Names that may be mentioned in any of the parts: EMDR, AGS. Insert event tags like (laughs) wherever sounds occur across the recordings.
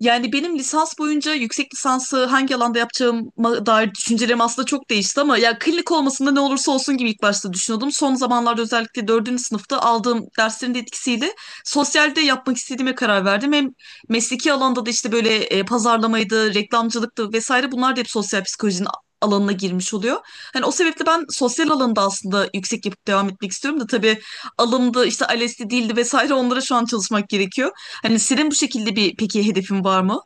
Yani benim lisans boyunca yüksek lisansı hangi alanda yapacağıma dair düşüncelerim aslında çok değişti ama ya klinik olmasında ne olursa olsun gibi ilk başta düşünüyordum. Son zamanlarda özellikle dördüncü sınıfta aldığım derslerin de etkisiyle sosyalde yapmak istediğime karar verdim. Hem mesleki alanda da işte böyle pazarlamaydı, reklamcılıktı vesaire bunlar da hep sosyal psikolojinin alanına girmiş oluyor. Hani o sebeple ben sosyal alanda aslında yüksek yapıp devam etmek istiyorum da tabii alımda işte ALES'ti değildi vesaire onlara şu an çalışmak gerekiyor. Hani senin bu şekilde bir peki hedefin var mı?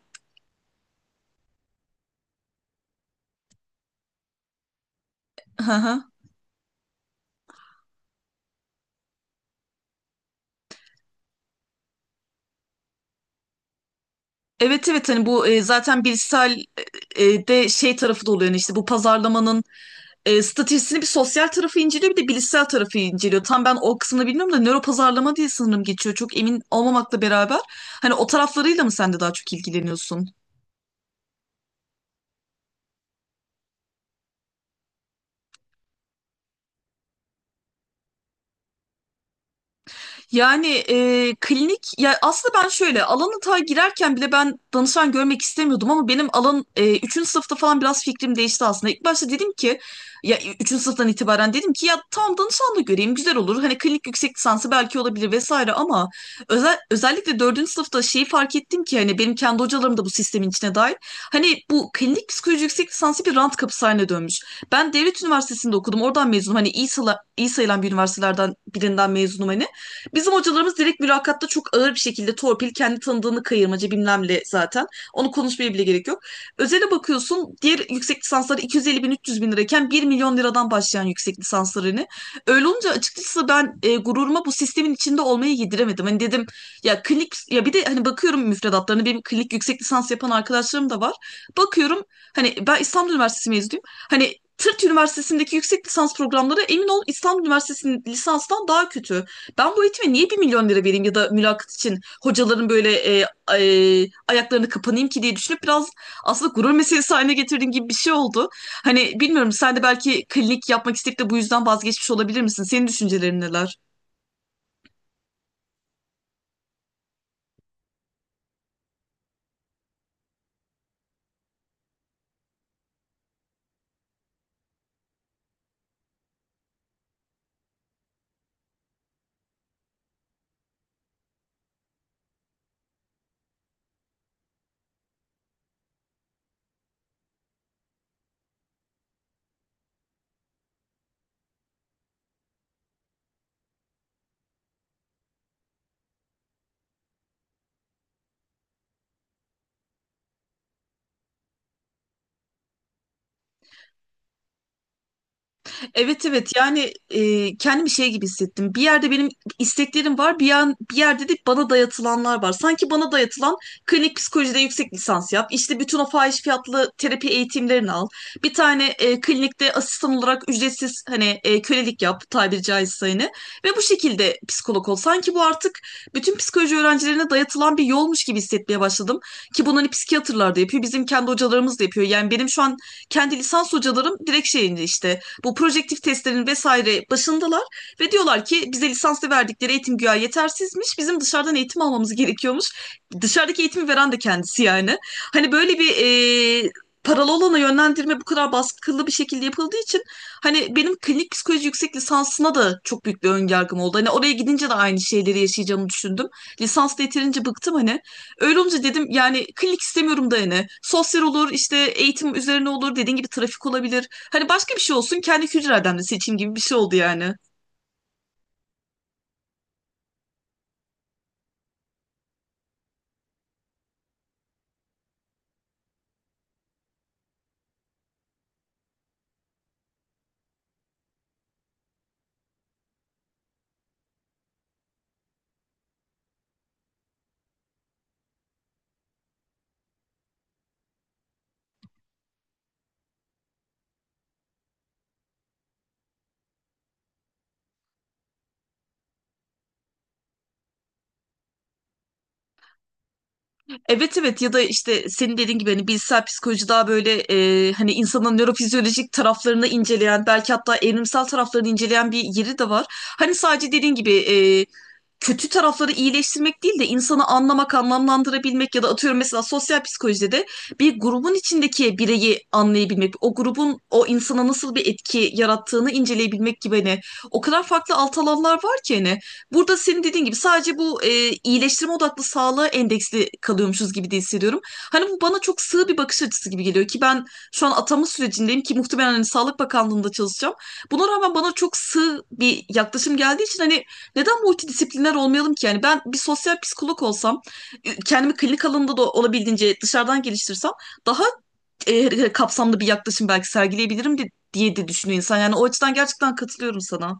Hı hı. Evet evet, hani bu zaten Bilsel de şey tarafı da oluyor yani işte bu pazarlamanın stratejisini bir sosyal tarafı inceliyor bir de bilişsel tarafı inceliyor. Tam ben o kısmını bilmiyorum da nöro pazarlama diye sanırım geçiyor. Çok emin olmamakla beraber hani o taraflarıyla mı sen de daha çok ilgileniyorsun? Yani klinik ya aslında ben şöyle alanı ta girerken bile ben danışan görmek istemiyordum ama benim alan 3. sınıfta falan biraz fikrim değişti aslında. İlk başta dedim ki ya üçüncü sınıftan itibaren dedim ki ya tamam danışan da göreyim güzel olur. Hani klinik yüksek lisansı belki olabilir vesaire ama özellikle dördüncü sınıfta şeyi fark ettim ki hani benim kendi hocalarım da bu sistemin içine dahil. Hani bu klinik psikoloji yüksek lisansı bir rant kapısı haline dönmüş. Ben devlet üniversitesinde okudum oradan mezunum hani iyi sayılan bir üniversitelerden birinden mezunum hani. Bizim hocalarımız direkt mülakatta çok ağır bir şekilde torpil, kendi tanıdığını kayırmacı bilmemle zaten. Onu konuşmaya bile gerek yok. Özele bakıyorsun diğer yüksek lisansları 250 bin 300 bin lirayken 1 milyon liradan başlayan yüksek lisanslarını. Öyle olunca açıkçası ben gururuma bu sistemin içinde olmayı yediremedim. Hani dedim ya klinik ya bir de hani bakıyorum müfredatlarına hani benim klinik yüksek lisans yapan arkadaşlarım da var. Bakıyorum hani ben İstanbul Üniversitesi mezunuyum. Hani Tırt Üniversitesi'ndeki yüksek lisans programları emin ol İstanbul Üniversitesi'nin lisanstan daha kötü. Ben bu eğitime niye 1 milyon lira vereyim ya da mülakat için hocaların böyle e, ayaklarını kapanayım ki diye düşünüp biraz aslında gurur meselesi haline getirdiğim gibi bir şey oldu. Hani bilmiyorum sen de belki klinik yapmak isteyip de bu yüzden vazgeçmiş olabilir misin? Senin düşüncelerin neler? Evet evet, yani kendimi şey gibi hissettim. Bir yerde benim isteklerim var, bir yerde de bana dayatılanlar var. Sanki bana dayatılan klinik psikolojide yüksek lisans yap, işte bütün o fahiş fiyatlı terapi eğitimlerini al. Bir tane klinikte asistan olarak ücretsiz hani kölelik yap tabiri caizse hani. Ve bu şekilde psikolog ol. Sanki bu artık bütün psikoloji öğrencilerine dayatılan bir yolmuş gibi hissetmeye başladım. Ki bunu hani psikiyatrlar da yapıyor, bizim kendi hocalarımız da yapıyor. Yani benim şu an kendi lisans hocalarım direkt şeyinde işte bu projektif testlerin vesaire başındalar ve diyorlar ki bize lisanslı verdikleri eğitim güya yetersizmiş. Bizim dışarıdan eğitim almamız gerekiyormuş. Dışarıdaki eğitimi veren de kendisi yani. Hani böyle bir e, paralı olana yönlendirme bu kadar baskılı bir şekilde yapıldığı için hani benim klinik psikoloji yüksek lisansına da çok büyük bir önyargım oldu. Hani oraya gidince de aynı şeyleri yaşayacağımı düşündüm. Lisansla yeterince bıktım hani. Öyle olunca dedim yani klinik istemiyorum da yani. Sosyal olur işte eğitim üzerine olur dediğin gibi trafik olabilir. Hani başka bir şey olsun kendi kültür adamını seçeyim gibi bir şey oldu yani. Evet evet, ya da işte senin dediğin gibi hani bilişsel psikoloji daha böyle hani insanın nörofizyolojik taraflarını inceleyen belki hatta evrimsel taraflarını inceleyen bir yeri de var. Hani sadece dediğin gibi kötü tarafları iyileştirmek değil de insanı anlamak, anlamlandırabilmek ya da atıyorum mesela sosyal psikolojide de bir grubun içindeki bireyi anlayabilmek, o grubun o insana nasıl bir etki yarattığını inceleyebilmek gibi hani o kadar farklı alt alanlar var ki hani burada senin dediğin gibi sadece bu iyileştirme odaklı sağlığa endeksli kalıyormuşuz gibi de hissediyorum. Hani bu bana çok sığ bir bakış açısı gibi geliyor ki ben şu an atama sürecindeyim ki muhtemelen hani Sağlık Bakanlığı'nda çalışacağım. Buna rağmen bana çok sığ bir yaklaşım geldiği için hani neden multidisipliner olmayalım ki? Yani ben bir sosyal psikolog olsam, kendimi klinik alanında da olabildiğince dışarıdan geliştirsem daha kapsamlı bir yaklaşım belki sergileyebilirim diye de düşünüyor insan. Yani o açıdan gerçekten katılıyorum sana.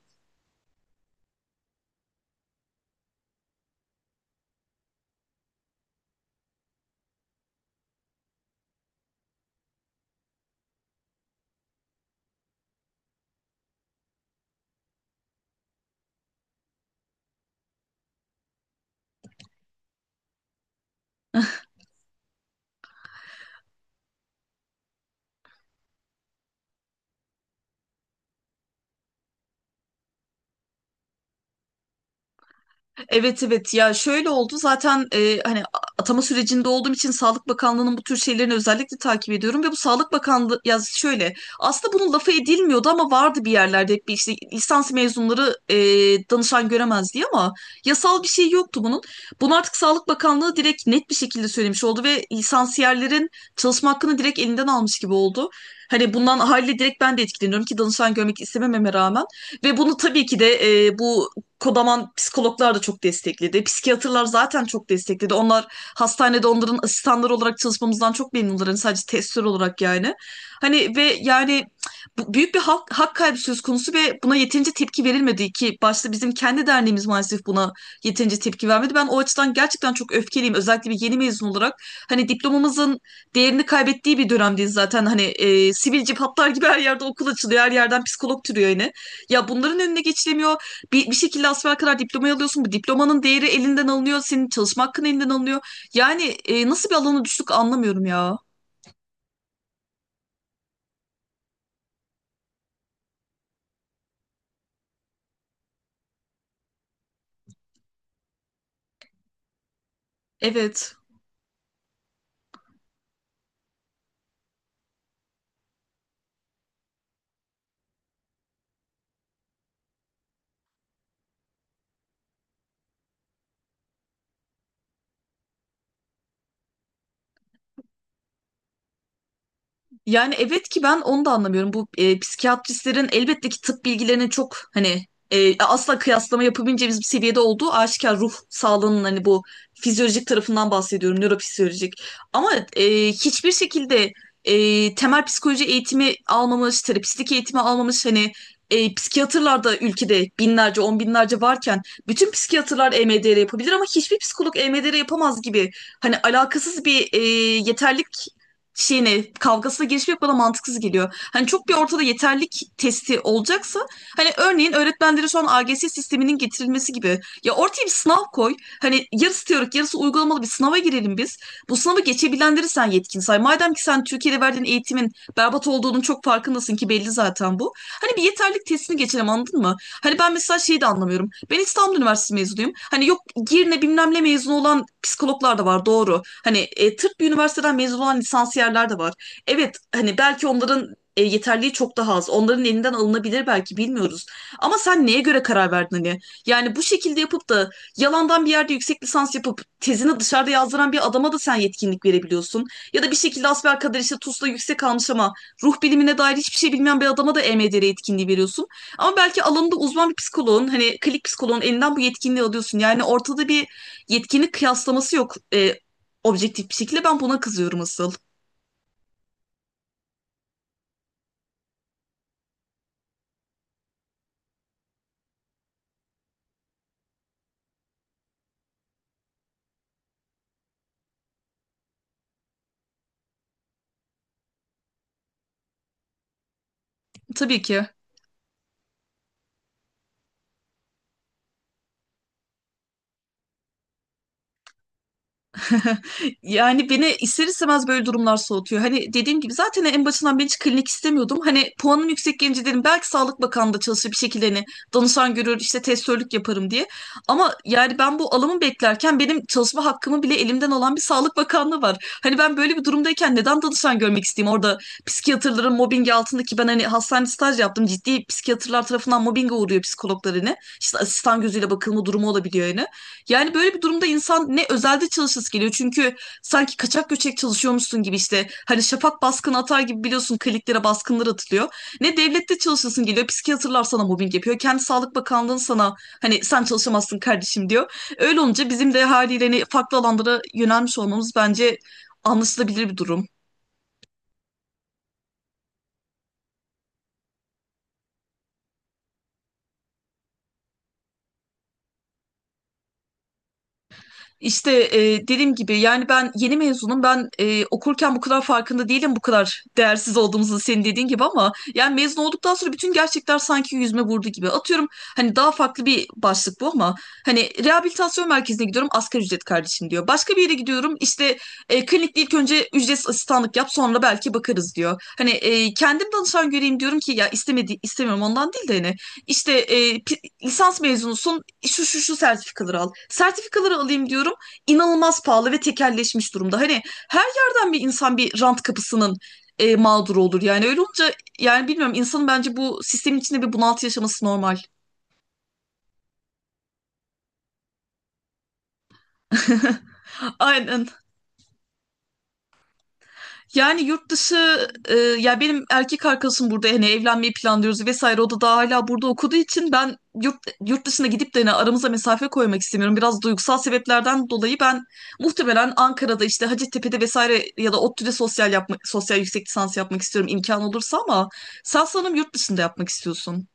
Evet evet, ya şöyle oldu zaten hani atama sürecinde olduğum için Sağlık Bakanlığı'nın bu tür şeylerini özellikle takip ediyorum ve bu Sağlık Bakanlığı ya şöyle aslında bunun lafı edilmiyordu ama vardı bir yerlerde hep bir işte lisans mezunları danışan göremez diye ama yasal bir şey yoktu bunun. Bunu artık Sağlık Bakanlığı direkt net bir şekilde söylemiş oldu ve lisansiyerlerin çalışma hakkını direkt elinden almış gibi oldu. Hani bundan haliyle direkt ben de etkileniyorum ki danışan görmek istemememe rağmen. Ve bunu tabii ki de bu kodaman psikologlar da çok destekledi. Psikiyatrlar zaten çok destekledi. Onlar hastanede onların asistanları olarak çalışmamızdan çok memnunlar. Hani sadece testör olarak yani. Hani ve yani büyük bir hak kaybı söz konusu ve buna yeterince tepki verilmedi ki başta bizim kendi derneğimiz maalesef buna yeterince tepki vermedi. Ben o açıdan gerçekten çok öfkeliyim. Özellikle bir yeni mezun olarak hani diplomamızın değerini kaybettiği bir dönemdeyiz zaten. Hani sivilce patlar gibi her yerde okul açılıyor. Her yerden psikolog türüyor yine. Ya bunların önüne geçilemiyor. Bir şekilde asfer kadar diplomayı alıyorsun. Bu diplomanın değeri elinden alınıyor. Senin çalışma hakkın elinden alınıyor. Yani nasıl bir alana düştük anlamıyorum ya. Evet. Yani evet ki ben onu da anlamıyorum. Bu psikiyatristlerin elbette ki tıp bilgilerinin çok hani asla kıyaslama yapabileceğimiz bir seviyede olduğu aşikar ruh sağlığının hani bu fizyolojik tarafından bahsediyorum, nörofizyolojik. Ama hiçbir şekilde temel psikoloji eğitimi almamış, terapistlik eğitimi almamış hani psikiyatrlar da ülkede binlerce, on binlerce varken bütün psikiyatrlar EMDR yapabilir ama hiçbir psikolog EMDR yapamaz gibi hani alakasız bir yeterlik şeyine kavgasına girişmek bana mantıksız geliyor. Hani çok bir ortada yeterlik testi olacaksa hani örneğin öğretmenlere şu an AGS sisteminin getirilmesi gibi ya ortaya bir sınav koy. Hani yarısı teorik yarısı uygulamalı bir sınava girelim biz. Bu sınavı geçebilenleri sen yetkin say. Madem ki sen Türkiye'de verdiğin eğitimin berbat olduğunun çok farkındasın ki belli zaten bu. Hani bir yeterlik testini geçelim anladın mı? Hani ben mesela şeyi de anlamıyorum. Ben İstanbul Üniversitesi mezunuyum. Hani yok Girne bilmem ne mezunu olan psikologlar da var doğru. Hani tıp bir üniversiteden mezun olan lisansiyerler de var. Evet hani belki onların yeterliği çok daha az. Onların elinden alınabilir belki bilmiyoruz. Ama sen neye göre karar verdin hani? Yani bu şekilde yapıp da yalandan bir yerde yüksek lisans yapıp tezini dışarıda yazdıran bir adama da sen yetkinlik verebiliyorsun. Ya da bir şekilde asbelkader işte TUS'ta yüksek almış ama ruh bilimine dair hiçbir şey bilmeyen bir adama da EMDR yetkinliği veriyorsun. Ama belki alanında uzman bir psikoloğun hani klinik psikoloğun elinden bu yetkinliği alıyorsun. Yani ortada bir yetkinlik kıyaslaması yok objektif bir şekilde. Ben buna kızıyorum asıl. Tabii ki. (laughs) Yani beni ister istemez böyle durumlar soğutuyor. Hani dediğim gibi zaten en başından ben hiç klinik istemiyordum. Hani puanım yüksek gelince dedim belki Sağlık Bakanlığı'nda çalışır bir şekilde hani danışan görür işte testörlük yaparım diye. Ama yani ben bu alımı beklerken benim çalışma hakkımı bile elimden alan bir Sağlık Bakanlığı var. Hani ben böyle bir durumdayken neden danışan görmek isteyeyim? Orada psikiyatrların mobbingi altındaki ben hani hastane staj yaptım. Ciddi psikiyatrlar tarafından mobbinge uğruyor psikologlar hani. İşte asistan gözüyle bakılma durumu olabiliyor yani. Yani böyle bir durumda insan ne özelde çalışası geliyor. Çünkü sanki kaçak göçek çalışıyormuşsun gibi işte hani şafak baskını atar gibi biliyorsun kliniklere baskınlar atılıyor. Ne devlette çalışasın geliyor. Psikiyatrlar sana mobbing yapıyor. Kendi Sağlık Bakanlığı'nın sana hani sen çalışamazsın kardeşim diyor. Öyle olunca bizim de haliyle hani farklı alanlara yönelmiş olmamız bence anlaşılabilir bir durum. İşte dediğim gibi yani ben yeni mezunum ben okurken bu kadar farkında değilim bu kadar değersiz olduğumuzu senin dediğin gibi ama yani mezun olduktan sonra bütün gerçekler sanki yüzüme vurdu gibi atıyorum hani daha farklı bir başlık bu ama hani rehabilitasyon merkezine gidiyorum asgari ücret kardeşim diyor başka bir yere gidiyorum işte klinikte ilk önce ücretsiz asistanlık yap sonra belki bakarız diyor hani kendim danışan göreyim diyorum ki ya istemiyorum ondan değil de hani işte lisans mezunusun şu şu şu sertifikaları al. Sertifikaları alayım diyorum inanılmaz pahalı ve tekelleşmiş durumda. Hani her yerden bir insan bir rant kapısının mağduru olur. Yani öyle olunca yani bilmiyorum insanın bence bu sistemin içinde bir bunaltı yaşaması normal. (laughs) Aynen. Yani yurt dışı ya benim erkek arkadaşım burada hani evlenmeyi planlıyoruz vesaire o da daha hala burada okuduğu için ben yurt yurt dışına gidip de hani aramıza mesafe koymak istemiyorum. Biraz duygusal sebeplerden dolayı ben muhtemelen Ankara'da işte Hacettepe'de vesaire ya da ODTÜ'de sosyal yüksek lisans yapmak istiyorum imkan olursa ama sen sanırım yurt dışında yapmak istiyorsun.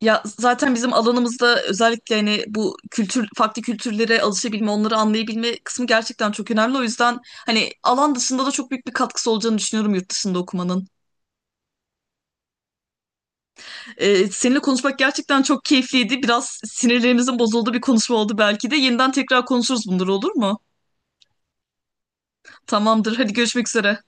Ya zaten bizim alanımızda özellikle hani bu kültür farklı kültürlere alışabilme, onları anlayabilme kısmı gerçekten çok önemli. O yüzden hani alan dışında da çok büyük bir katkısı olacağını düşünüyorum yurt dışında okumanın. Seninle konuşmak gerçekten çok keyifliydi. Biraz sinirlerimizin bozulduğu bir konuşma oldu belki de. Yeniden tekrar konuşuruz bunları olur mu? Tamamdır. Hadi görüşmek üzere.